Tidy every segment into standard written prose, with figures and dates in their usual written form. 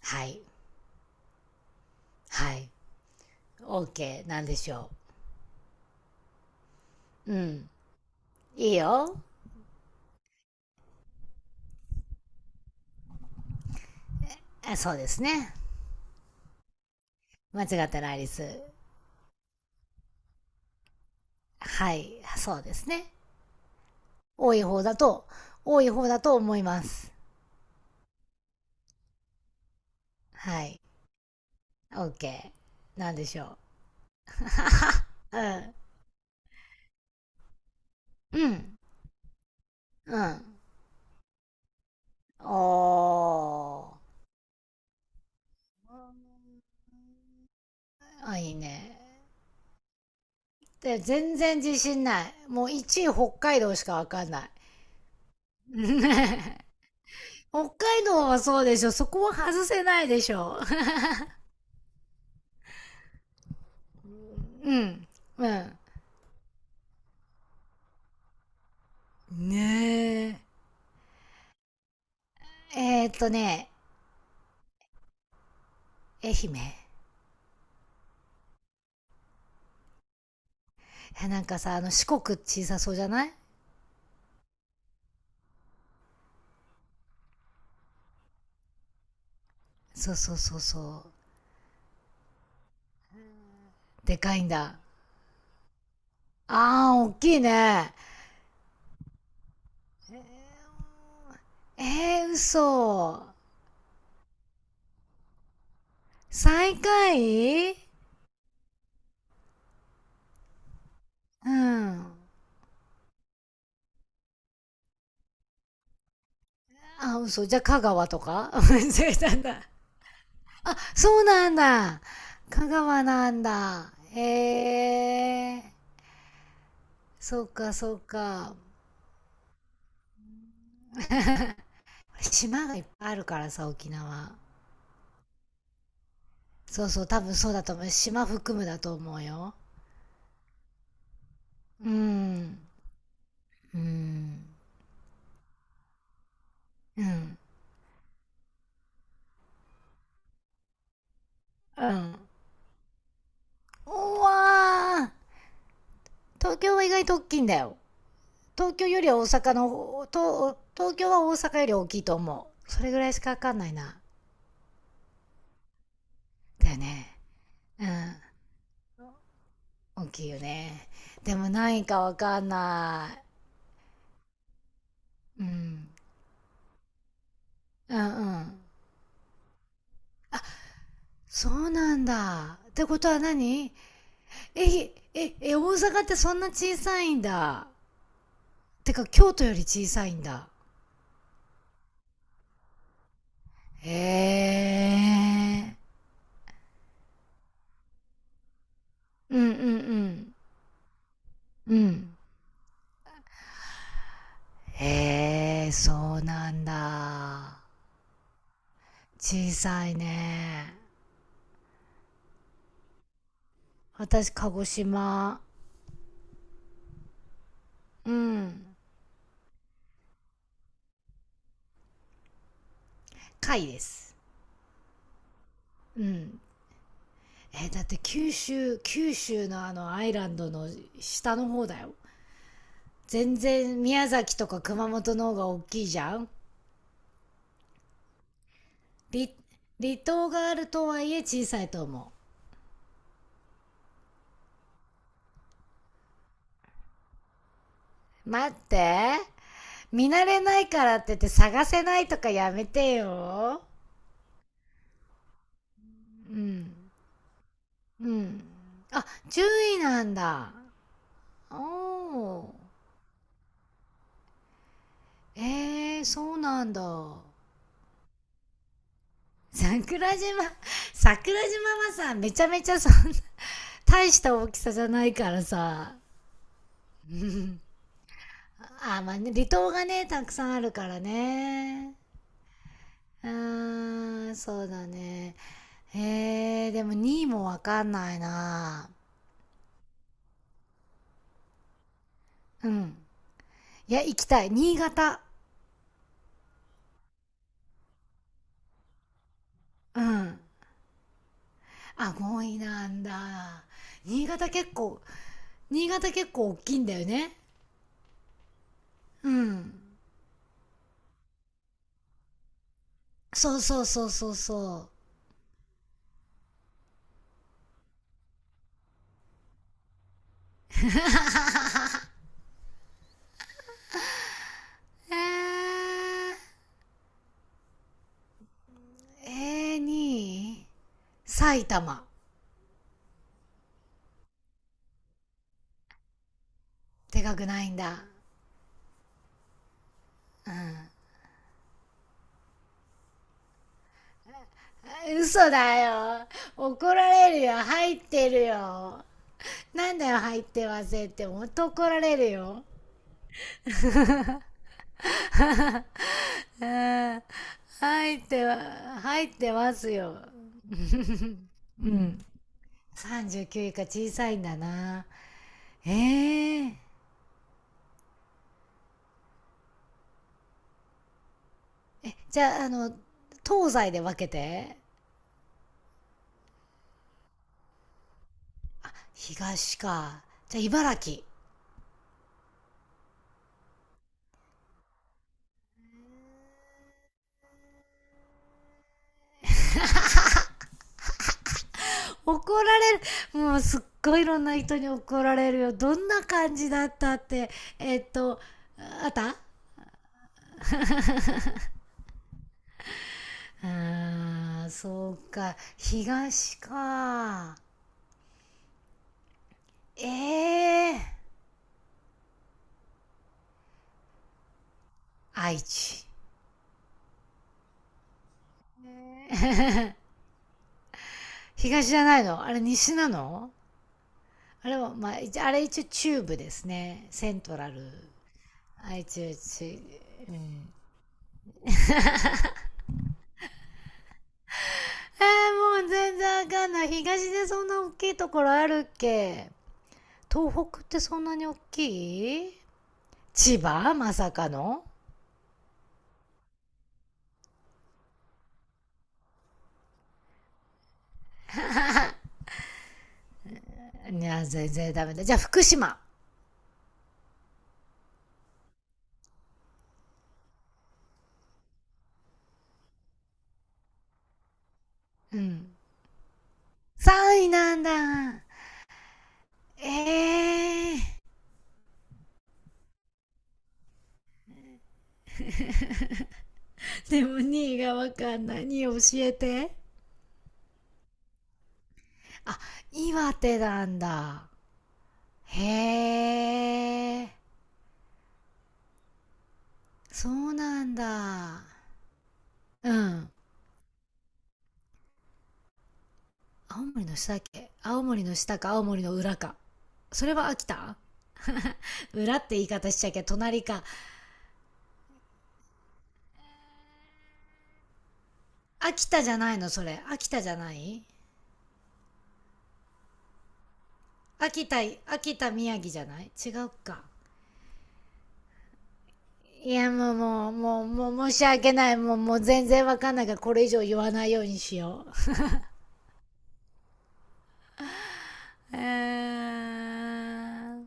はい。はい。OK、 なんでしょう。うん。いいよ。あ、そうですね。間違ってないです。はい。そうですね。多い方だと、多い方だと思います。はい。OK、 なんでしょう。うん。うん。うん。おー。あ、いいね。で、全然自信ない。もう1位北海道しかわかんない。北海道はそうでしょ。そこは外せないでしょ。うん。うん。ねえーっとね、愛媛。なんかさ、あの四国小さそうじゃない？そうそうそうそう。でかいんだ。あー、おっきいね。えー、嘘。最下位？うん。あ、嘘。じゃあ香川とか 間違え たんだ。あ、そうなんだ。香川なんだ。へえー。そっかそっか。島がいっぱいあるからさ、沖縄。そうそう、多分そうだと思う。島含むだと思うよ。うん。うん。うん。うん。うわー、東京は意外と大きいんだよ。東京よりは大阪の、東京は大阪より大きいと思う。それぐらいしかわかんないな。だよね。うん。大きいよね。でも何位かわかんない。うん。うんうん。そうなんだ。ってことは何？え、え、え、大阪ってそんな小さいんだ。てか京都より小さいんだ。へえ。うんうんうん。うん。へえ、そうなんだ。小さいね。私、鹿児島。うん。貝です。うん。えー、だって九州、九州のあのアイランドの下の方だよ。全然宮崎とか熊本の方が大きいじゃん。離島があるとはいえ小さいと思う。待って。見慣れないからって言って探せないとかやめてよ。うん。うん。あ、注意なんだ。おー。えー、そうなんだ。桜島、桜島はさ、めちゃめちゃそんな、大した大きさじゃないからさ。あ、まあね、離島がね、たくさんあるからね。うーん、そうだね。えー、でも2位もわかんないな。うん。いや、行きたい。新潟。うん。あ、ごいなんだ。新潟結構、新潟結構大きいんだよね。うん。そうそうそうそうそう。えー、えに2埼玉。でかくないんだ。嘘だよ。怒られるよ。入ってるよ。なんだよ、入ってませんって。もっと怒られるよ。うん。入っては、入ってますよ。うん。39位か、小さいんだな。ええ。じゃあ、東西で分けて。東か。じゃあ、茨城。怒られる。もうすっごいいろんな人に怒られるよ。どんな感じだったって。えーっと、あった。あー、そうか。東か。ええ、愛知。東じゃないの？あれ西なの？あれは、まあ、一あれ一応中部ですね。セントラル。愛知、愛知、うん。えー、もう全然わかんない。東でそんな大きいところあるっけ？東北ってそんなに大きい？千葉まさかの。いや、全然ダメだ。じゃあ、福島。うん。3位なんだ。ええー。でも2位がわかんない。2位教えて。あ、岩手なんだ。へえ。そうなんだ。うん。青森の下だっけ？青森の下か青森の裏か。それは秋田。裏って言い方しちゃいけ、隣か。秋田じゃないの？それ秋田じゃない？秋田、秋田宮城じゃない？違うか。いや、もう申し訳ない、もう全然わかんないからこれ以上言わないようにしよう。えー、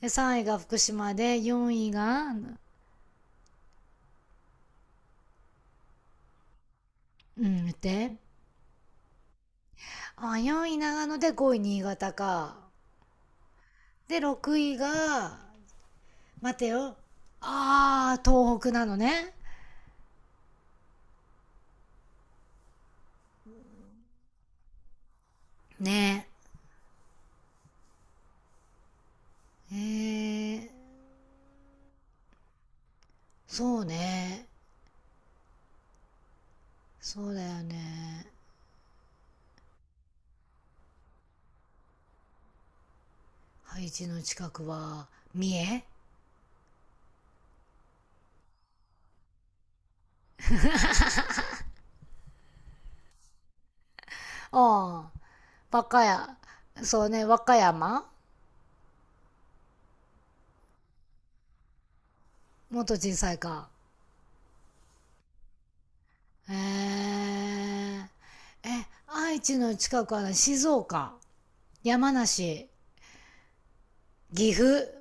で3位が福島で4位が、うん、見て。あ、4位長野で5位新潟か。で6位が、待てよ。あー、東北なのね。ね。ええー。そうね。そうだよね。ハイジの近くは、三重。ああ、和歌山。そうね、和歌山もっと小さいか。えー、え、愛知の近くはね静岡、山梨、岐阜。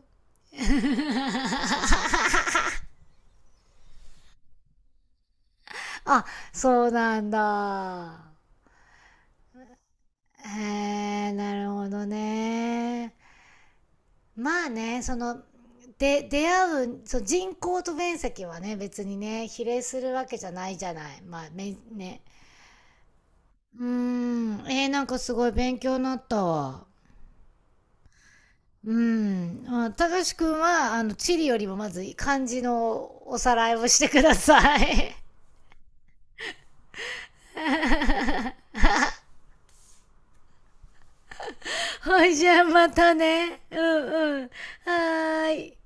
あ、そうなんだ。えー、なるほどね。まあね、その、で、出会う、そう、人口と面積はね、別にね、比例するわけじゃないじゃない。まあ、め、ね。うーん、えー、なんかすごい勉強になったわ。うん。あ、たかしくんは、あの、地理よりもまず漢字のおさらいをしてください。はい、じゃあまたね。うんうん。はーい。